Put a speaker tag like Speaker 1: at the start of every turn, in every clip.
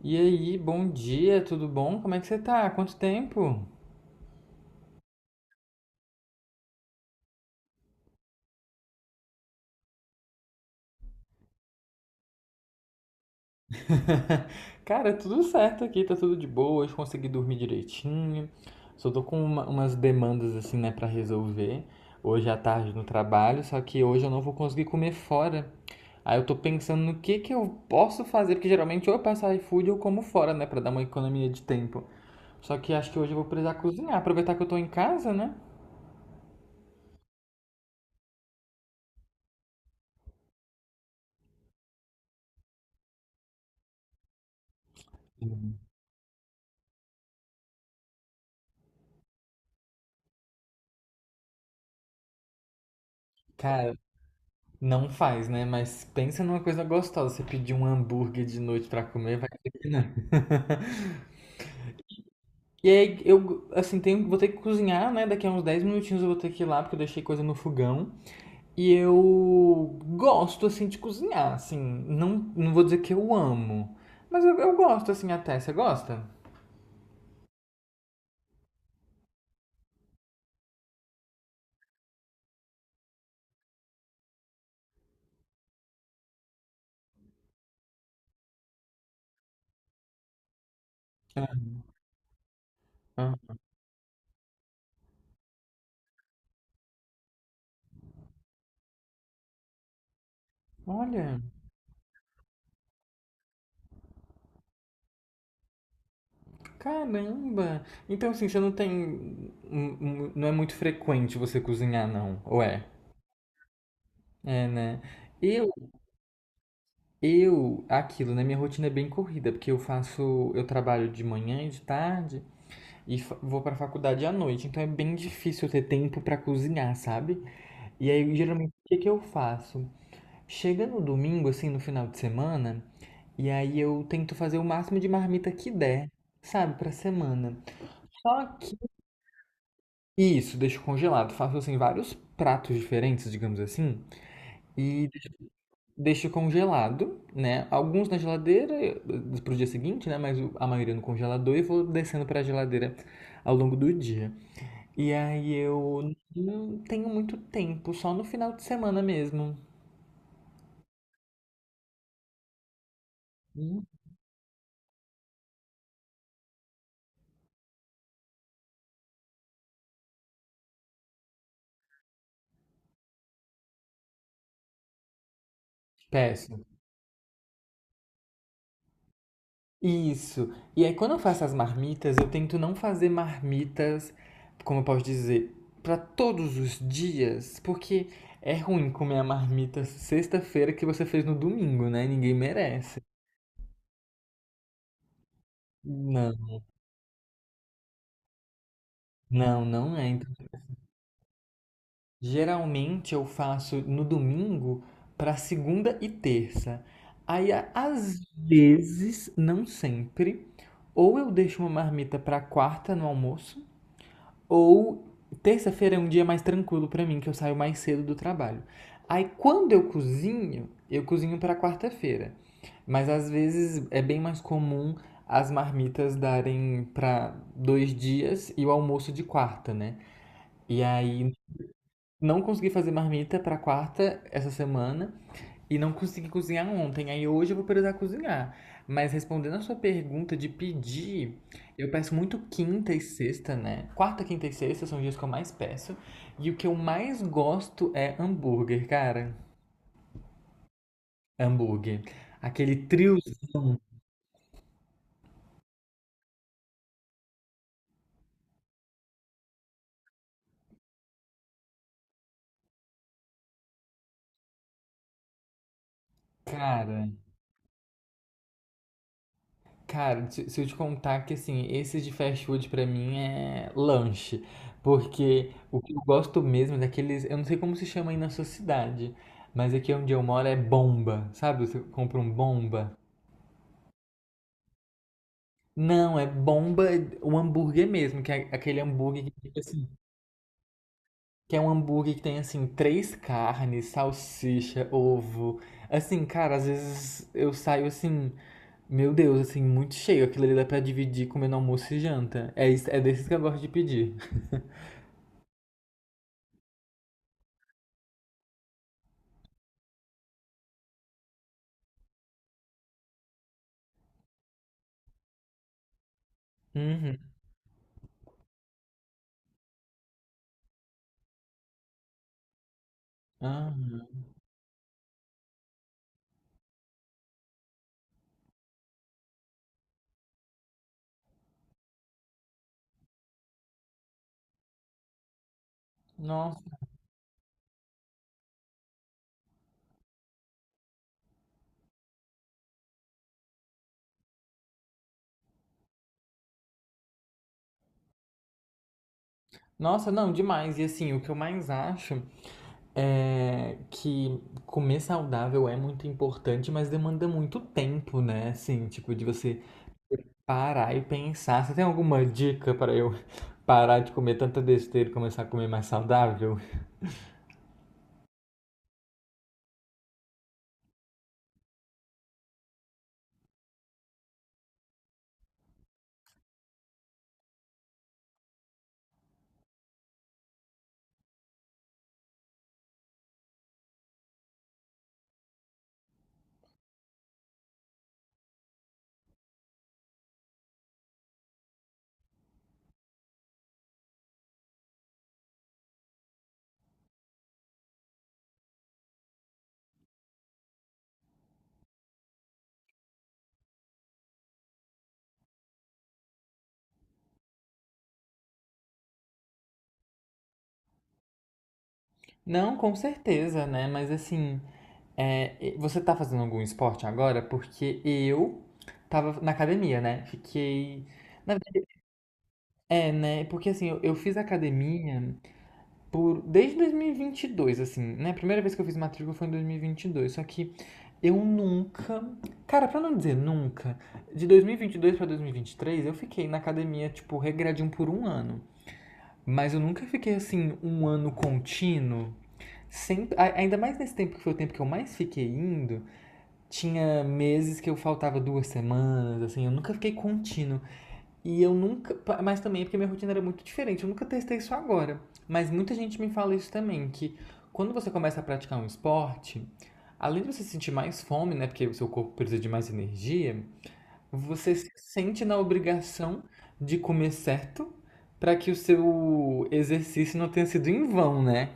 Speaker 1: E aí, bom dia, tudo bom? Como é que você tá? Quanto tempo? Cara, tudo certo aqui, tá tudo de boa, hoje consegui dormir direitinho. Só tô com umas demandas assim, né, pra resolver. Hoje à tarde no trabalho, só que hoje eu não vou conseguir comer fora. Aí eu tô pensando no que eu posso fazer, porque geralmente ou eu peço iFood ou como fora, né, pra dar uma economia de tempo. Só que acho que hoje eu vou precisar cozinhar, aproveitar que eu tô em casa, né? Cara, não faz, né? Mas pensa numa coisa gostosa. Você pedir um hambúrguer de noite pra comer, vai ter que não. E aí eu, assim, tenho, vou ter que cozinhar, né? Daqui a uns 10 minutinhos eu vou ter que ir lá, porque eu deixei coisa no fogão. E eu gosto, assim, de cozinhar, assim. Não, não vou dizer que eu amo, mas eu gosto, assim, até. Você gosta? Ah, ah. Olha, caramba. Então, assim, você não tem. Não é muito frequente você cozinhar, não? Ou é? É, né? E eu, aquilo, né? Minha rotina é bem corrida, porque eu faço, eu trabalho de manhã e de tarde e vou pra faculdade à noite, então é bem difícil eu ter tempo pra cozinhar, sabe? E aí, geralmente, o que que eu faço? Chega no domingo, assim, no final de semana, e aí eu tento fazer o máximo de marmita que der, sabe, pra semana. Só que isso, deixo congelado, faço assim vários pratos diferentes, digamos assim, e deixo congelado, né? Alguns na geladeira para o dia seguinte, né? Mas a maioria no congelador e vou descendo para a geladeira ao longo do dia. E aí eu não tenho muito tempo, só no final de semana mesmo. Hum, Péssimo. Isso. E aí quando eu faço as marmitas, eu tento não fazer marmitas, como eu posso dizer, para todos os dias, porque é ruim comer a marmita sexta-feira que você fez no domingo, né? Ninguém merece. Não. Não, não é. Então, geralmente eu faço no domingo para segunda e terça. Aí, às vezes, não sempre, ou eu deixo uma marmita para quarta no almoço, ou terça-feira é um dia mais tranquilo para mim, que eu saio mais cedo do trabalho. Aí, quando eu cozinho para quarta-feira. Mas às vezes é bem mais comum as marmitas darem para dois dias e o almoço de quarta, né? E aí não consegui fazer marmita pra quarta essa semana e não consegui cozinhar ontem. Aí hoje eu vou precisar cozinhar. Mas respondendo a sua pergunta de pedir, eu peço muito quinta e sexta, né? Quarta, quinta e sexta são os dias que eu mais peço. E o que eu mais gosto é hambúrguer, cara. Hambúrguer. Aquele trio, cara. Cara, se eu te contar que assim, esse de fast food pra mim é lanche, porque o que eu gosto mesmo é daqueles, eu não sei como se chama aí na sua cidade, mas aqui onde eu moro é bomba, sabe? Você compra um bomba. Não, é bomba, o hambúrguer mesmo, que é aquele hambúrguer que fica assim, que é um hambúrguer que tem, assim, três carnes, salsicha, ovo. Assim, cara, às vezes eu saio assim, meu Deus, assim, muito cheio. Aquilo ali dá pra dividir comendo almoço e janta. É, é desses que eu gosto de pedir. Uhum. Aham. Nossa. Nossa, não, demais. E assim, o que eu mais acho é que comer saudável é muito importante, mas demanda muito tempo, né? Assim, tipo, de você parar e pensar. Você tem alguma dica para eu parar de comer tanta besteira e começar a comer mais saudável? Não, com certeza, né? Mas assim, é, você tá fazendo algum esporte agora? Porque eu tava na academia, né? Fiquei. Na verdade, é, né? Porque assim, eu fiz academia por desde dois mil e vinte e dois assim, né? A primeira vez que eu fiz matrícula foi em dois mil e vinte e dois, só que eu nunca, cara, pra não dizer nunca, de 2022 pra 2023 eu fiquei na academia, tipo, regradinho por um ano. Mas eu nunca fiquei assim um ano contínuo. Sempre, ainda mais nesse tempo que foi o tempo que eu mais fiquei indo, tinha meses que eu faltava duas semanas, assim, eu nunca fiquei contínuo. E eu nunca. Mas também é porque minha rotina era muito diferente. Eu nunca testei isso agora. Mas muita gente me fala isso também, que quando você começa a praticar um esporte, além de você sentir mais fome, né? Porque o seu corpo precisa de mais energia, você se sente na obrigação de comer certo para que o seu exercício não tenha sido em vão, né?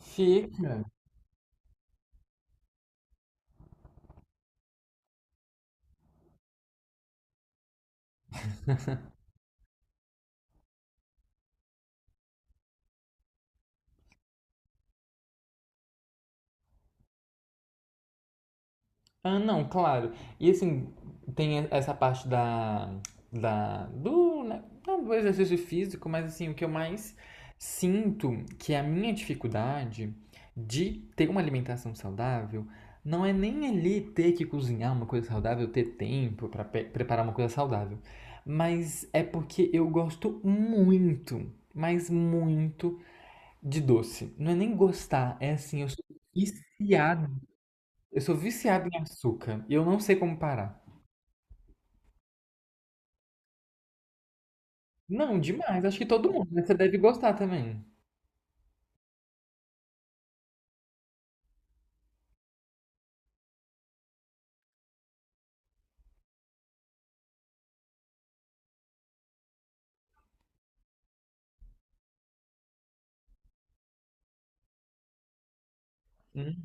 Speaker 1: Fica ah, não, claro. E assim, tem essa parte da, da do, né, ah, do exercício físico, mas assim, o que eu mais sinto que é a minha dificuldade de ter uma alimentação saudável não é nem ali ter que cozinhar uma coisa saudável, ter tempo para preparar uma coisa saudável, mas é porque eu gosto muito, mas muito de doce. Não é nem gostar, é assim, viciado eu sou viciado em açúcar e eu não sei como parar. Não, demais. Acho que todo mundo, né? Você deve gostar também. Hum.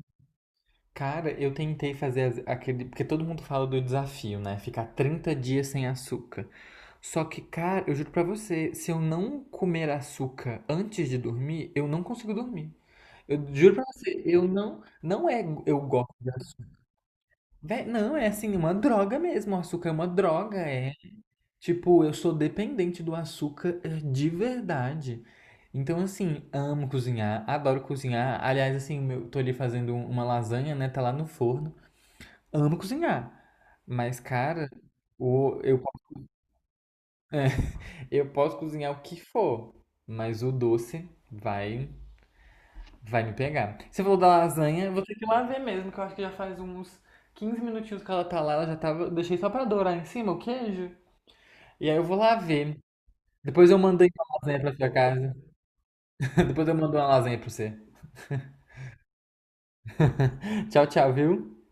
Speaker 1: Cara, eu tentei fazer aquele. Porque todo mundo fala do desafio, né? Ficar 30 dias sem açúcar. Só que, cara, eu juro pra você, se eu não comer açúcar antes de dormir, eu não consigo dormir. Eu juro pra você, eu não. Não é. Eu gosto de açúcar. Não, é assim, uma droga mesmo. O açúcar é uma droga. Tipo, eu sou dependente do açúcar de verdade. Então, assim, amo cozinhar, adoro cozinhar. Aliás, assim, eu tô ali fazendo uma lasanha, né? Tá lá no forno. Amo cozinhar. Mas, cara, o, eu, eu posso cozinhar o que for, mas o doce vai, vai me pegar. Você falou da lasanha, eu vou ter que ir lá ver mesmo, que eu acho que já faz uns 15 minutinhos que ela tá lá, ela já tava. Eu Deixei só pra dourar em cima o queijo. E aí eu vou lá ver. Depois eu mandei uma lasanha pra sua casa. Depois eu mando uma lasanha pra você. Tchau, tchau, viu?